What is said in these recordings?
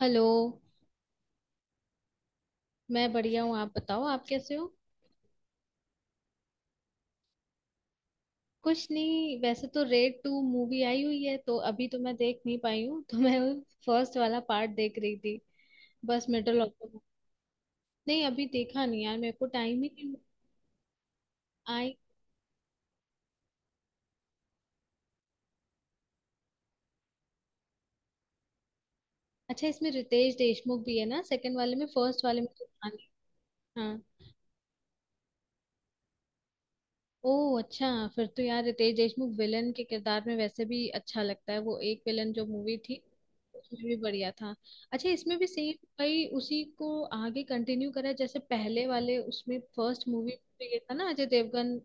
Hello. मैं बढ़िया हूँ। आप बताओ, आप कैसे हो? कुछ नहीं, वैसे तो रेड टू मूवी आई हुई है तो अभी तो मैं देख नहीं पाई हूँ तो मैं फर्स्ट वाला पार्ट देख रही थी, बस मिडल ऑफ द। नहीं, अभी देखा नहीं यार, मेरे को टाइम ही नहीं। आई। अच्छा, इसमें रितेश देशमुख भी है ना सेकंड वाले में? फर्स्ट वाले में तो था नहीं। हाँ। ओह अच्छा। फिर तो यार रितेश देशमुख विलन के किरदार में वैसे भी अच्छा लगता है। वो एक विलन जो मूवी थी उसमें भी बढ़िया था। अच्छा, इसमें भी सेम। भाई, उसी को आगे कंटिन्यू करा है, जैसे पहले वाले उसमें, फर्स्ट मूवी में ये था ना अजय देवगन।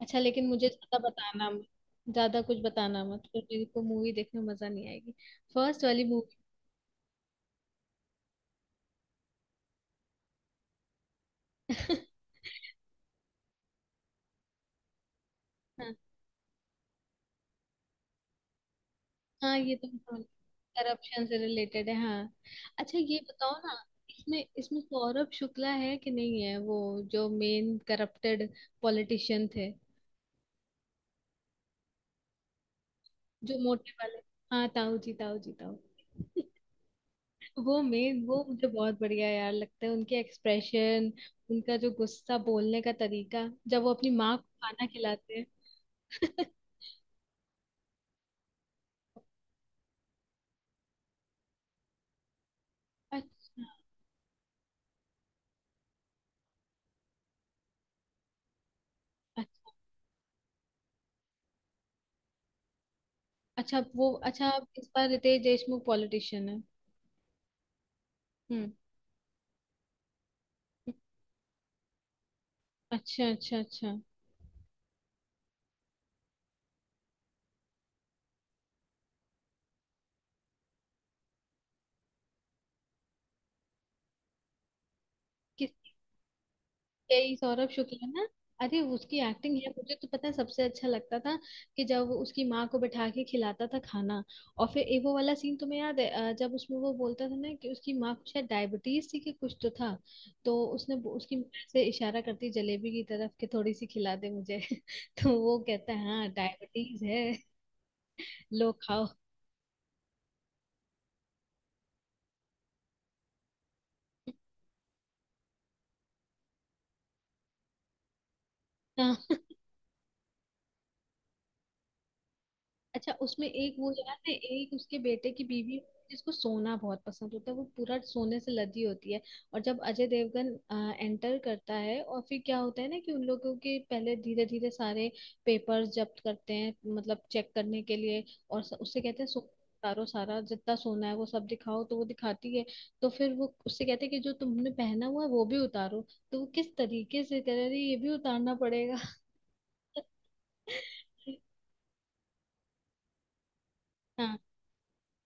अच्छा, लेकिन मुझे ज्यादा बताना मत। ज्यादा कुछ बताना मत, फिर मेरे को मूवी देखने में मजा नहीं आएगी। फर्स्ट वाली मूवी। हाँ हाँ। ये तो मैं। करप्शन से रिलेटेड है, हाँ। अच्छा, ये बताओ ना। इसमें इसमें सौरभ शुक्ला है कि नहीं है, वो जो मेन करप्टेड पॉलिटिशियन थे? जो मोटे वाले। हाँ, ताऊ जी, ताऊ जी, ताऊ। वो मेन, वो मुझे बहुत बढ़िया यार लगता है, उनके एक्सप्रेशन। उनका जो गुस्सा बोलने का तरीका, जब वो अपनी माँ को खाना खिलाते हैं। अच्छा, अच्छा, अच्छा, वो अच्छा, अब इस बार रितेश देशमुख पॉलिटिशियन है। हम्म। अच्छा, अच्छा, अच्छा। यही सौरभ शुक्ला ना? अरे, उसकी एक्टिंग है मुझे तो पता है, सबसे अच्छा लगता था कि जब वो उसकी माँ को बैठा के खिलाता था खाना। और फिर ए वो वाला सीन तुम्हें याद है, जब उसमें वो बोलता था ना कि उसकी माँ को शायद डायबिटीज थी, कि कुछ तो था। तो उसने उसकी माँ से इशारा करती जलेबी की तरफ कि थोड़ी सी खिला दे मुझे। तो वो कहता है हाँ डायबिटीज है। लो, खाओ। हाँ। अच्छा, उसमें एक वो याद है, एक उसके बेटे की बीवी जिसको सोना बहुत पसंद होता है, वो पूरा सोने से लदी होती है। और जब अजय देवगन एंटर करता है और फिर क्या होता है ना, कि उन लोगों के पहले धीरे धीरे सारे पेपर्स जब्त करते हैं मतलब चेक करने के लिए। और उससे कहते हैं सो उतारो सारा, जितना सोना है वो सब दिखाओ, तो वो दिखाती है। तो फिर वो उससे कहते हैं कि जो तुमने पहना हुआ है वो भी उतारो। तो वो किस तरीके से कह रही, ये भी उतारना पड़ेगा। हाँ।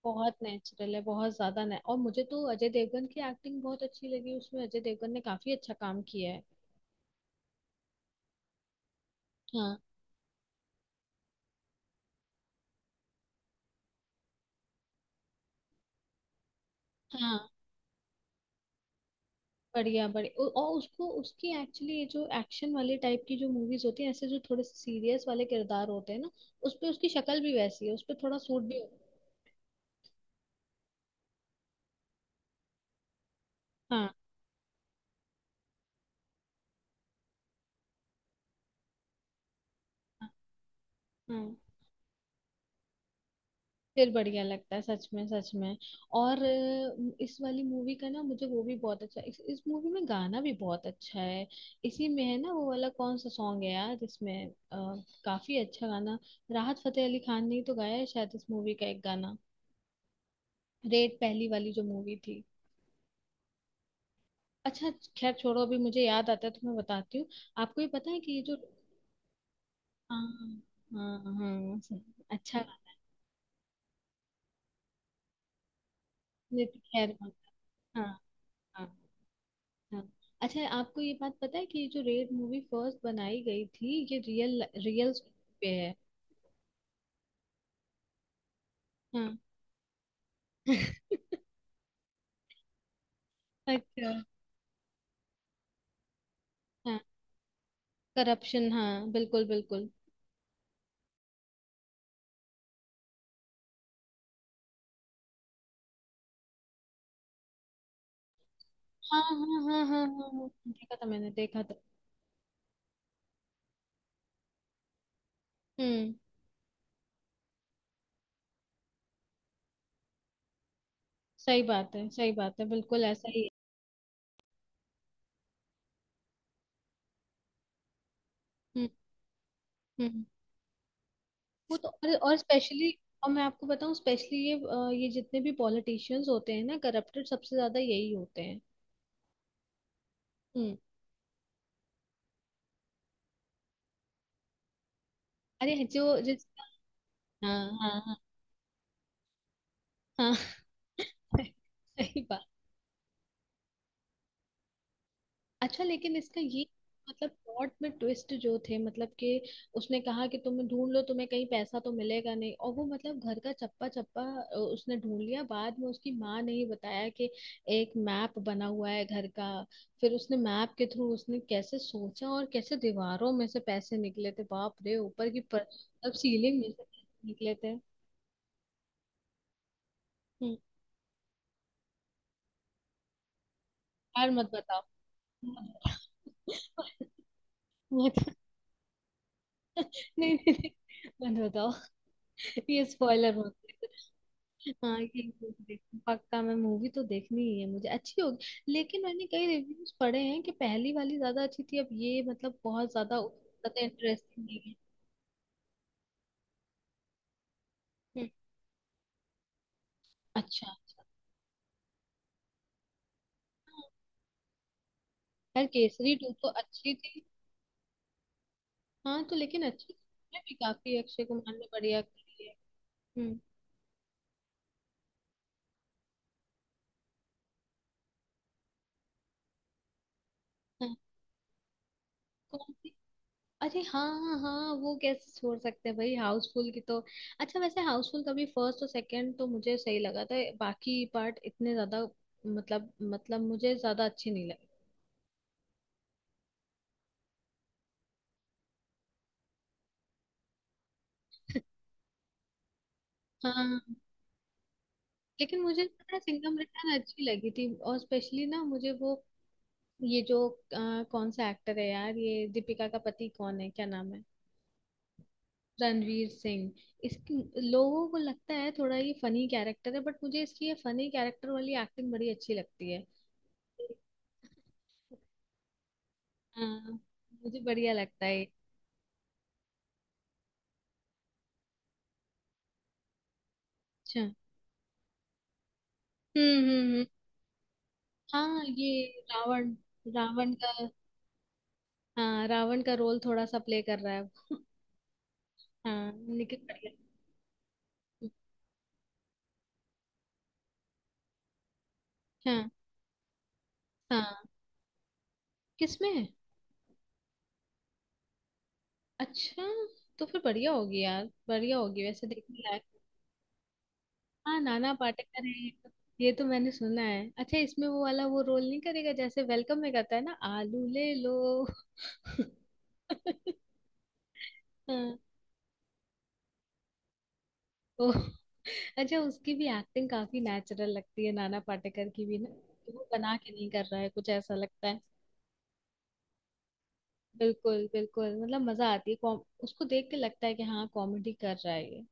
बहुत नेचुरल है, बहुत ज्यादा ने, और मुझे तो अजय देवगन की एक्टिंग बहुत अच्छी लगी, उसमें अजय देवगन ने काफी अच्छा काम किया है। हाँ। हाँ, बढ़िया, बढ़िया, और उसको, उसकी एक्चुअली ये जो एक्शन वाले टाइप की जो मूवीज होती है, ऐसे जो थोड़े से सीरियस वाले किरदार होते हैं ना। उस पे उसकी शक्ल भी वैसी है, उस पे थोड़ा सूट भी होता है। हाँ, हाँ, हाँ। फिर बढ़िया लगता है, सच में, सच में। और इस वाली मूवी का ना मुझे वो भी बहुत अच्छा, इस मूवी में गाना भी बहुत अच्छा है। इसी में है ना वो वाला, कौन सा सॉन्ग है यार इसमें? काफी अच्छा गाना। राहत फतेह अली खान ने ही तो गाया है शायद, इस मूवी का एक गाना। रेड पहली वाली जो मूवी थी। अच्छा। खैर छोड़ो, अभी मुझे याद आता है तो मैं बताती हूँ। आपको ये पता है कि ये जो। हाँ, हाँ, हाँ, हाँ, सही। अच्छा। नित खैर। हाँ। हाँ। हाँ। अच्छा, आपको ये बात पता है कि ये जो रेड मूवी फर्स्ट बनाई गई थी ये रियल, रियल पे है। हाँ। अच्छा। हाँ। करप्शन, हाँ, बिल्कुल, बिल्कुल। हाँ, हाँ, हाँ, हाँ, हाँ, हाँ, देखा था, मैंने देखा था। हम्म। सही बात है, सही बात है, बिल्कुल ऐसा ही है। हम्म। हम्म। वो तो और स्पेशली। और मैं आपको बताऊं स्पेशली ये जितने भी पॉलिटिशियंस होते हैं ना करप्टेड, सबसे ज्यादा यही होते हैं। हम्म। अरे, जो जिसका। हाँ, हाँ, हाँ। हाँ। सही बात। अच्छा, लेकिन इसका ये। मतलब प्लॉट में ट्विस्ट जो थे, मतलब कि उसने कहा कि तुम ढूंढ लो, तुम्हें कहीं पैसा तो मिलेगा नहीं, और वो मतलब घर का चप्पा चप्पा उसने ढूंढ लिया, बाद में उसकी माँ ने ही बताया कि एक मैप बना हुआ है घर का। फिर उसने मैप के थ्रू उसने कैसे सोचा और कैसे दीवारों में से पैसे निकले थे, बाप रे, ऊपर की पर मतलब सीलिंग में से पैसे निकले थे। हम्म। यार मत बताओ। मत बताओ। मत- नहीं, नहीं, नहीं, मत बताओ। ये स्पॉइलर होता है। हाँ, कि देखूं। पक्का मैं मूवी तो देखनी ही है, मुझे अच्छी होगी। लेकिन मैंने कई रिव्यूज पढ़े हैं कि पहली वाली ज्यादा अच्छी थी, अब ये मतलब बहुत ज्यादा ज्यादा इंटरेस्टिंग नहीं है। हम्म, अच्छा। हाँ, यार केसरी टू तो अच्छी थी। हाँ तो लेकिन अच्छी थी उसमें भी, काफी अक्षय कुमार ने बढ़िया करी है। हम्म। हाँ, कौन सी? अरे हाँ, हाँ, हाँ, वो कैसे छोड़ सकते हैं भाई हाउसफुल की तो। अच्छा, वैसे हाउसफुल का भी फर्स्ट और सेकंड तो मुझे सही लगा था, बाकी पार्ट इतने ज्यादा, मतलब मुझे ज्यादा अच्छे नहीं लगे। हाँ, लेकिन मुझे पता है सिंघम रिटर्न अच्छी लगी थी, और स्पेशली ना मुझे वो, ये जो कौन सा एक्टर है यार, ये दीपिका का पति कौन है, क्या नाम है? रणवीर सिंह। इसकी, लोगों को लगता है थोड़ा ये फनी कैरेक्टर है, बट मुझे इसकी ये फनी कैरेक्टर वाली एक्टिंग बड़ी अच्छी लगती है। हाँ। मुझे बढ़िया लगता है। अच्छा। हम्म, हम्म, हाँ ये। रावण। रावण का। हाँ, रावण का रोल थोड़ा सा प्ले कर रहा है। हाँ, निखिल बढ़िया। हाँ। हाँ। किसमें है? अच्छा। तो फिर बढ़िया होगी यार, बढ़िया होगी वैसे, देखने लायक। हाँ, नाना पाटेकर है ये तो। ये तो मैंने सुना है, अच्छा, इसमें वो वाला वो रोल नहीं करेगा जैसे वेलकम में करता है ना, आलू ले लो। हाँ, ओ। अच्छा, उसकी भी एक्टिंग काफी नेचुरल लगती है, नाना पाटेकर की भी ना। तो वो बना के नहीं कर रहा है, कुछ ऐसा लगता है। बिल्कुल, बिल्कुल, मतलब मजा आती है, कॉम उसको देख के लगता है कि हाँ, कॉमेडी कर रहा है ये।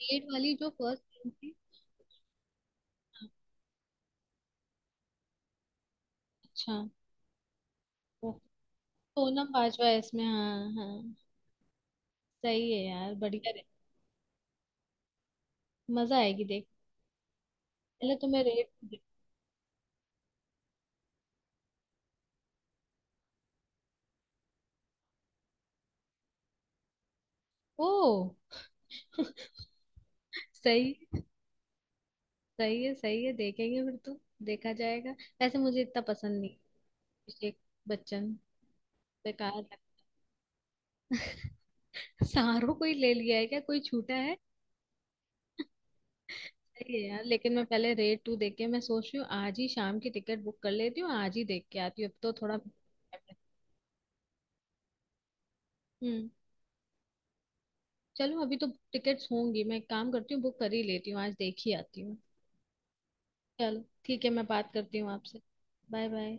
B.Ed. वाली जो फर्स्ट फिल्म थी। हाँ, अच्छा, वो, सोनम बाजवा है इसमें, हाँ, हाँ। सही है यार, बढ़िया रे। मजा आएगी देख। पहले तो मैं रेट। ओ। सही। सही है, सही है, देखेंगे फिर तो। देखा जाएगा। वैसे मुझे इतना पसंद नहीं। अभिषेक बच्चन। बेकार। सारो कोई ले लिया है क्या, कोई छूटा है? सही है यार, लेकिन मैं पहले रेट टू देख के, मैं सोच रही हूँ आज ही शाम की टिकट बुक कर लेती हूँ, आज ही देख के आती हूँ, अब तो थोड़ा। हम्म। चलो अभी तो। टिकट्स होंगी, मैं एक काम करती हूँ, बुक कर ही लेती हूँ, आज देख ही आती हूँ। चलो ठीक है, मैं बात करती हूँ आपसे। Bye bye.